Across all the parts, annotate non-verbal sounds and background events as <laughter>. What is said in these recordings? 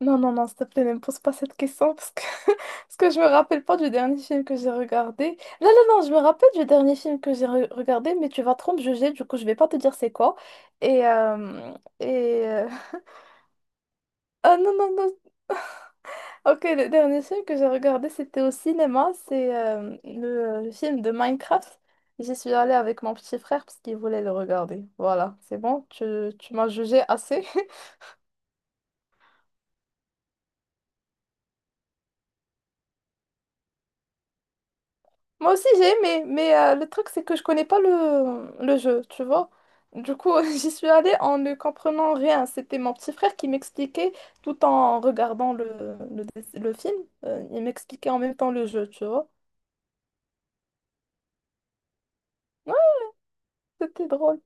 Non, non, non, s'il te plaît, ne me pose pas cette question parce que, <laughs> parce que je me rappelle pas du dernier film que j'ai regardé. Non, non, non, je me rappelle du dernier film que j'ai regardé, mais tu vas trop me juger, du coup, je vais pas te dire c'est quoi. Et. euh, et euh, <laughs> Ah non, non, non. Ok, le dernier film que j'ai regardé, c'était au cinéma, c'est le film de Minecraft. J'y suis allée avec mon petit frère parce qu'il voulait le regarder. Voilà, c'est bon, tu m'as jugé assez. Moi aussi j'ai aimé, mais le truc c'est que je connais pas le jeu, tu vois. Du coup, <laughs> j'y suis allée en ne comprenant rien. C'était mon petit frère qui m'expliquait tout en regardant le film. Il m'expliquait en même temps le jeu, tu vois. Ouais, c'était drôle.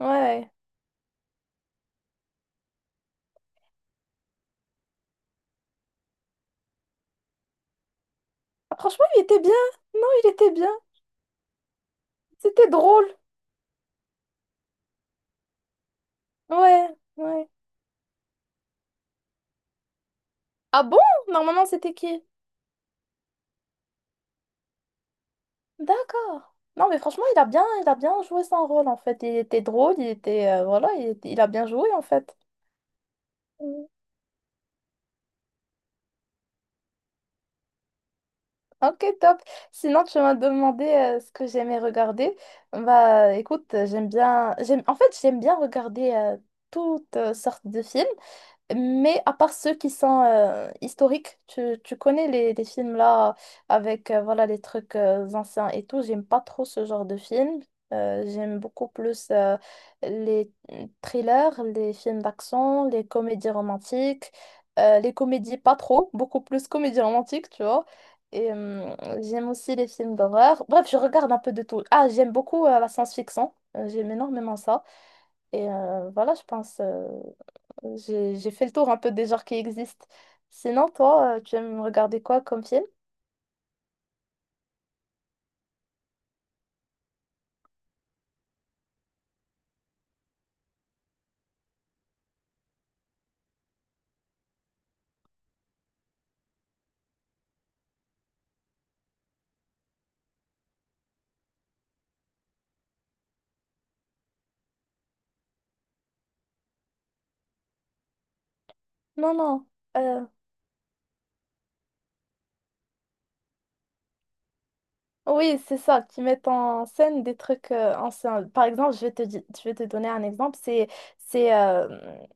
Ouais. Ah, franchement, il était bien. Non, il était bien. C'était drôle. Ouais, ouais. Ah bon? Normalement, c'était qui? D'accord. Non, mais franchement, il a bien joué son rôle en fait. Il était drôle, il était, voilà, il, était- il a bien joué en fait. Ok, top. Sinon, tu m'as demandé ce que j'aimais regarder. Bah, écoute, j'aime bien. J'aime... En fait, j'aime bien regarder toutes sortes de films. Mais à part ceux qui sont historiques, tu connais les films là avec voilà les trucs anciens et tout. J'aime pas trop ce genre de films. J'aime beaucoup plus les thrillers, les films d'action, les comédies romantiques, les comédies pas trop, beaucoup plus comédies romantiques, tu vois. Et euh, j'aime aussi les films d'horreur. Bref, je regarde un peu de tout. Ah, j'aime beaucoup la science-fiction. J'aime énormément ça. Et voilà, je pense, j'ai fait le tour un peu des genres qui existent. Sinon, toi, tu aimes regarder quoi comme film? Non, non. Oui, c'est ça, qui mettent en scène des trucs anciens. Par exemple, je vais te donner un exemple. C'est, euh,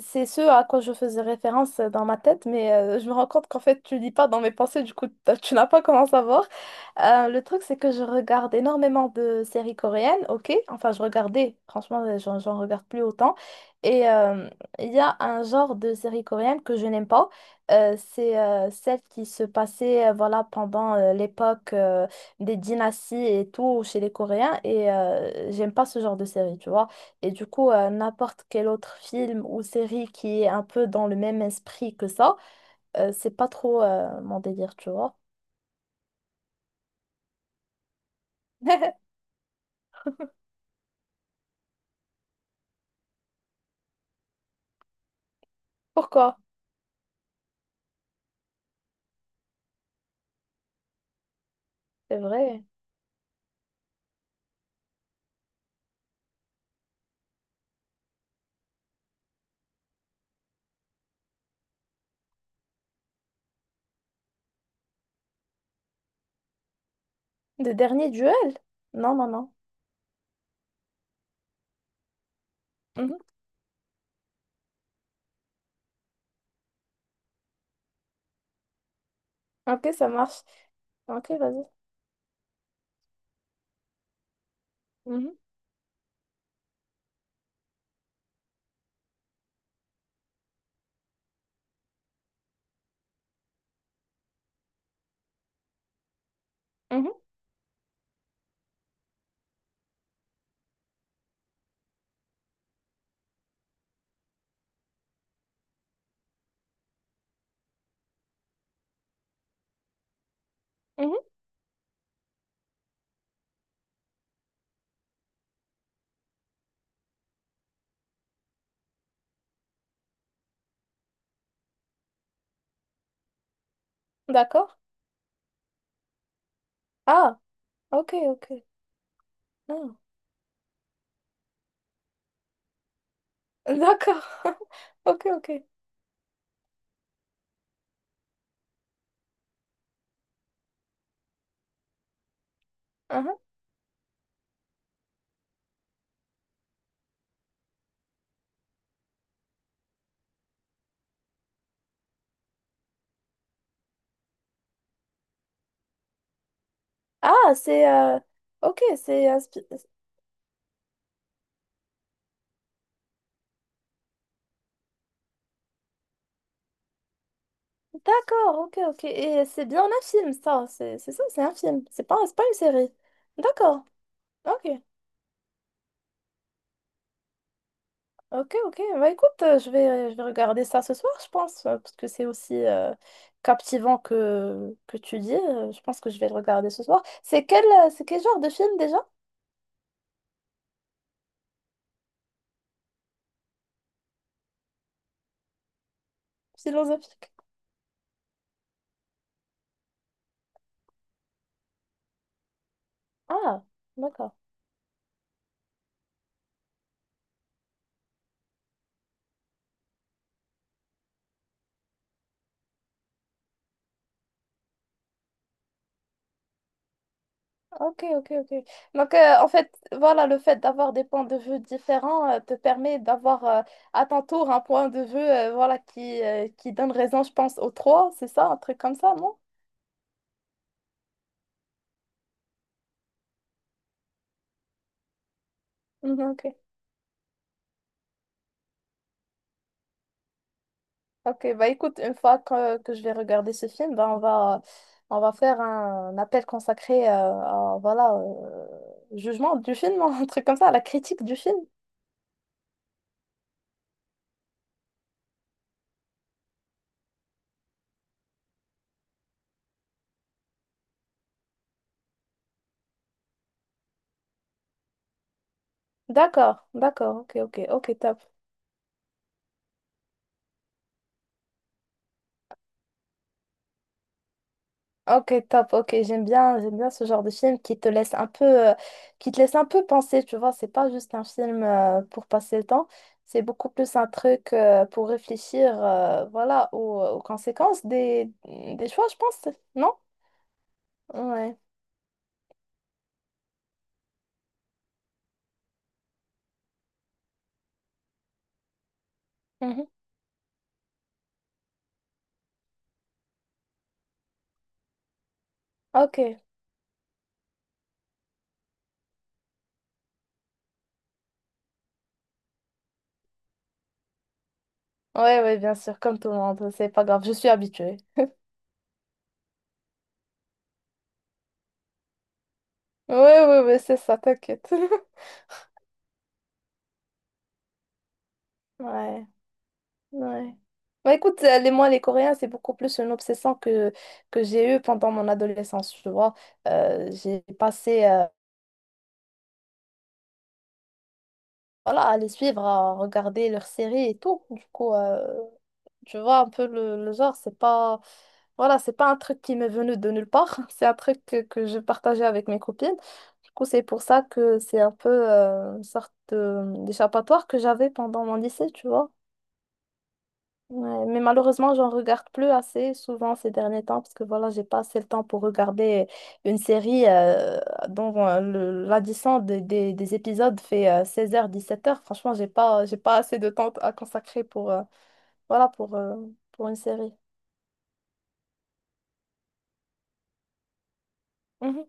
c'est ce à quoi je faisais référence dans ma tête, mais je me rends compte qu'en fait, tu lis pas dans mes pensées, du coup, tu n'as pas comment savoir. Le truc, c'est que je regarde énormément de séries coréennes, ok? Enfin, je regardais, franchement, j'en regarde plus autant. Et euh, il y a un genre de série coréenne que je n'aime pas. C'est celle qui se passait voilà, pendant l'époque des dynasties et tout chez les Coréens et j'aime pas ce genre de série, tu vois. Et du coup, n'importe quel autre film ou série qui est un peu dans le même esprit que ça, c'est pas trop mon délire, tu vois. <laughs> Pourquoi? C'est vrai. Le dernier duel? Non, non, non. Mhm. Ok, ça marche. Ok, vas-y. Mhm, mhm, mhm. D'accord. Ah, ok, ok. Non. D'accord. <laughs> Ok, ok. Mhm. Ah, c'est... euh, Ok, c'est inspiré. D'accord, ok, ok. Et c'est bien un film, ça. C'est un film. C'est pas une série. D'accord, ok. Ok, ok. Bah écoute, je vais regarder ça ce soir, je pense, parce que c'est aussi captivant que tu dis. Je pense que je vais le regarder ce soir. C'est quel genre de film déjà? Philosophique. Ah, d'accord. Ok, ok, ok. Donc, en fait, voilà, le fait d'avoir des points de vue différents te permet d'avoir à ton tour un point de vue voilà, qui donne raison, je pense, aux trois, c'est ça, un truc comme ça, non? Mhm, ok. Ok, bah écoute, que je vais regarder ce film, on va faire un appel consacré à voilà, jugement du film, <laughs> un truc comme ça, à la critique du film. D'accord, d'accord, ok, ok, ok, top. Ok, top, ok, j'aime bien ce genre de film qui te laisse un peu, euh, qui te laisse un peu penser, tu vois, c'est pas juste un film pour passer le temps, c'est beaucoup plus un truc pour réfléchir, voilà, aux conséquences des choix, je pense, non? Ouais. Mhm. Ok, ouais, ouais, bien sûr, comme tout le monde, c'est pas grave, je suis habituée. Ouais, ouais, ouais, c'est ça, t'inquiète. <laughs> Ouais. Ouais. Bah écoute, moi, les Coréens, c'est beaucoup plus une obsession que j'ai eue pendant mon adolescence, tu vois. J'ai passé voilà, à les suivre, à regarder leurs séries et tout. Du coup, tu vois, un peu le genre, c'est pas, voilà, c'est pas un truc qui m'est venu de nulle part. <laughs> C'est un truc que je partageais avec mes copines. Du coup, c'est pour ça que c'est un peu une sorte d'échappatoire que j'avais pendant mon lycée, tu vois. Ouais, mais malheureusement, j'en regarde plus assez souvent ces derniers temps parce que voilà, j'ai pas assez le temps pour regarder une série dont l'addition des épisodes fait 16h, 17h. Franchement, j'ai pas assez de temps à consacrer pour, voilà, pour une série. Mhm.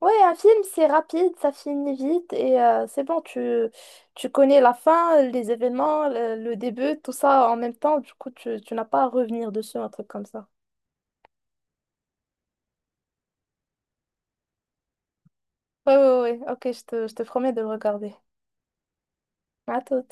Ouais, un film, c'est rapide, ça finit vite et c'est bon, tu connais la fin, les événements, le début, tout ça en même temps. Du coup, tu n'as pas à revenir dessus, un truc comme ça. Ouais, ouais, ouais, ok, je te promets de le regarder. À tout.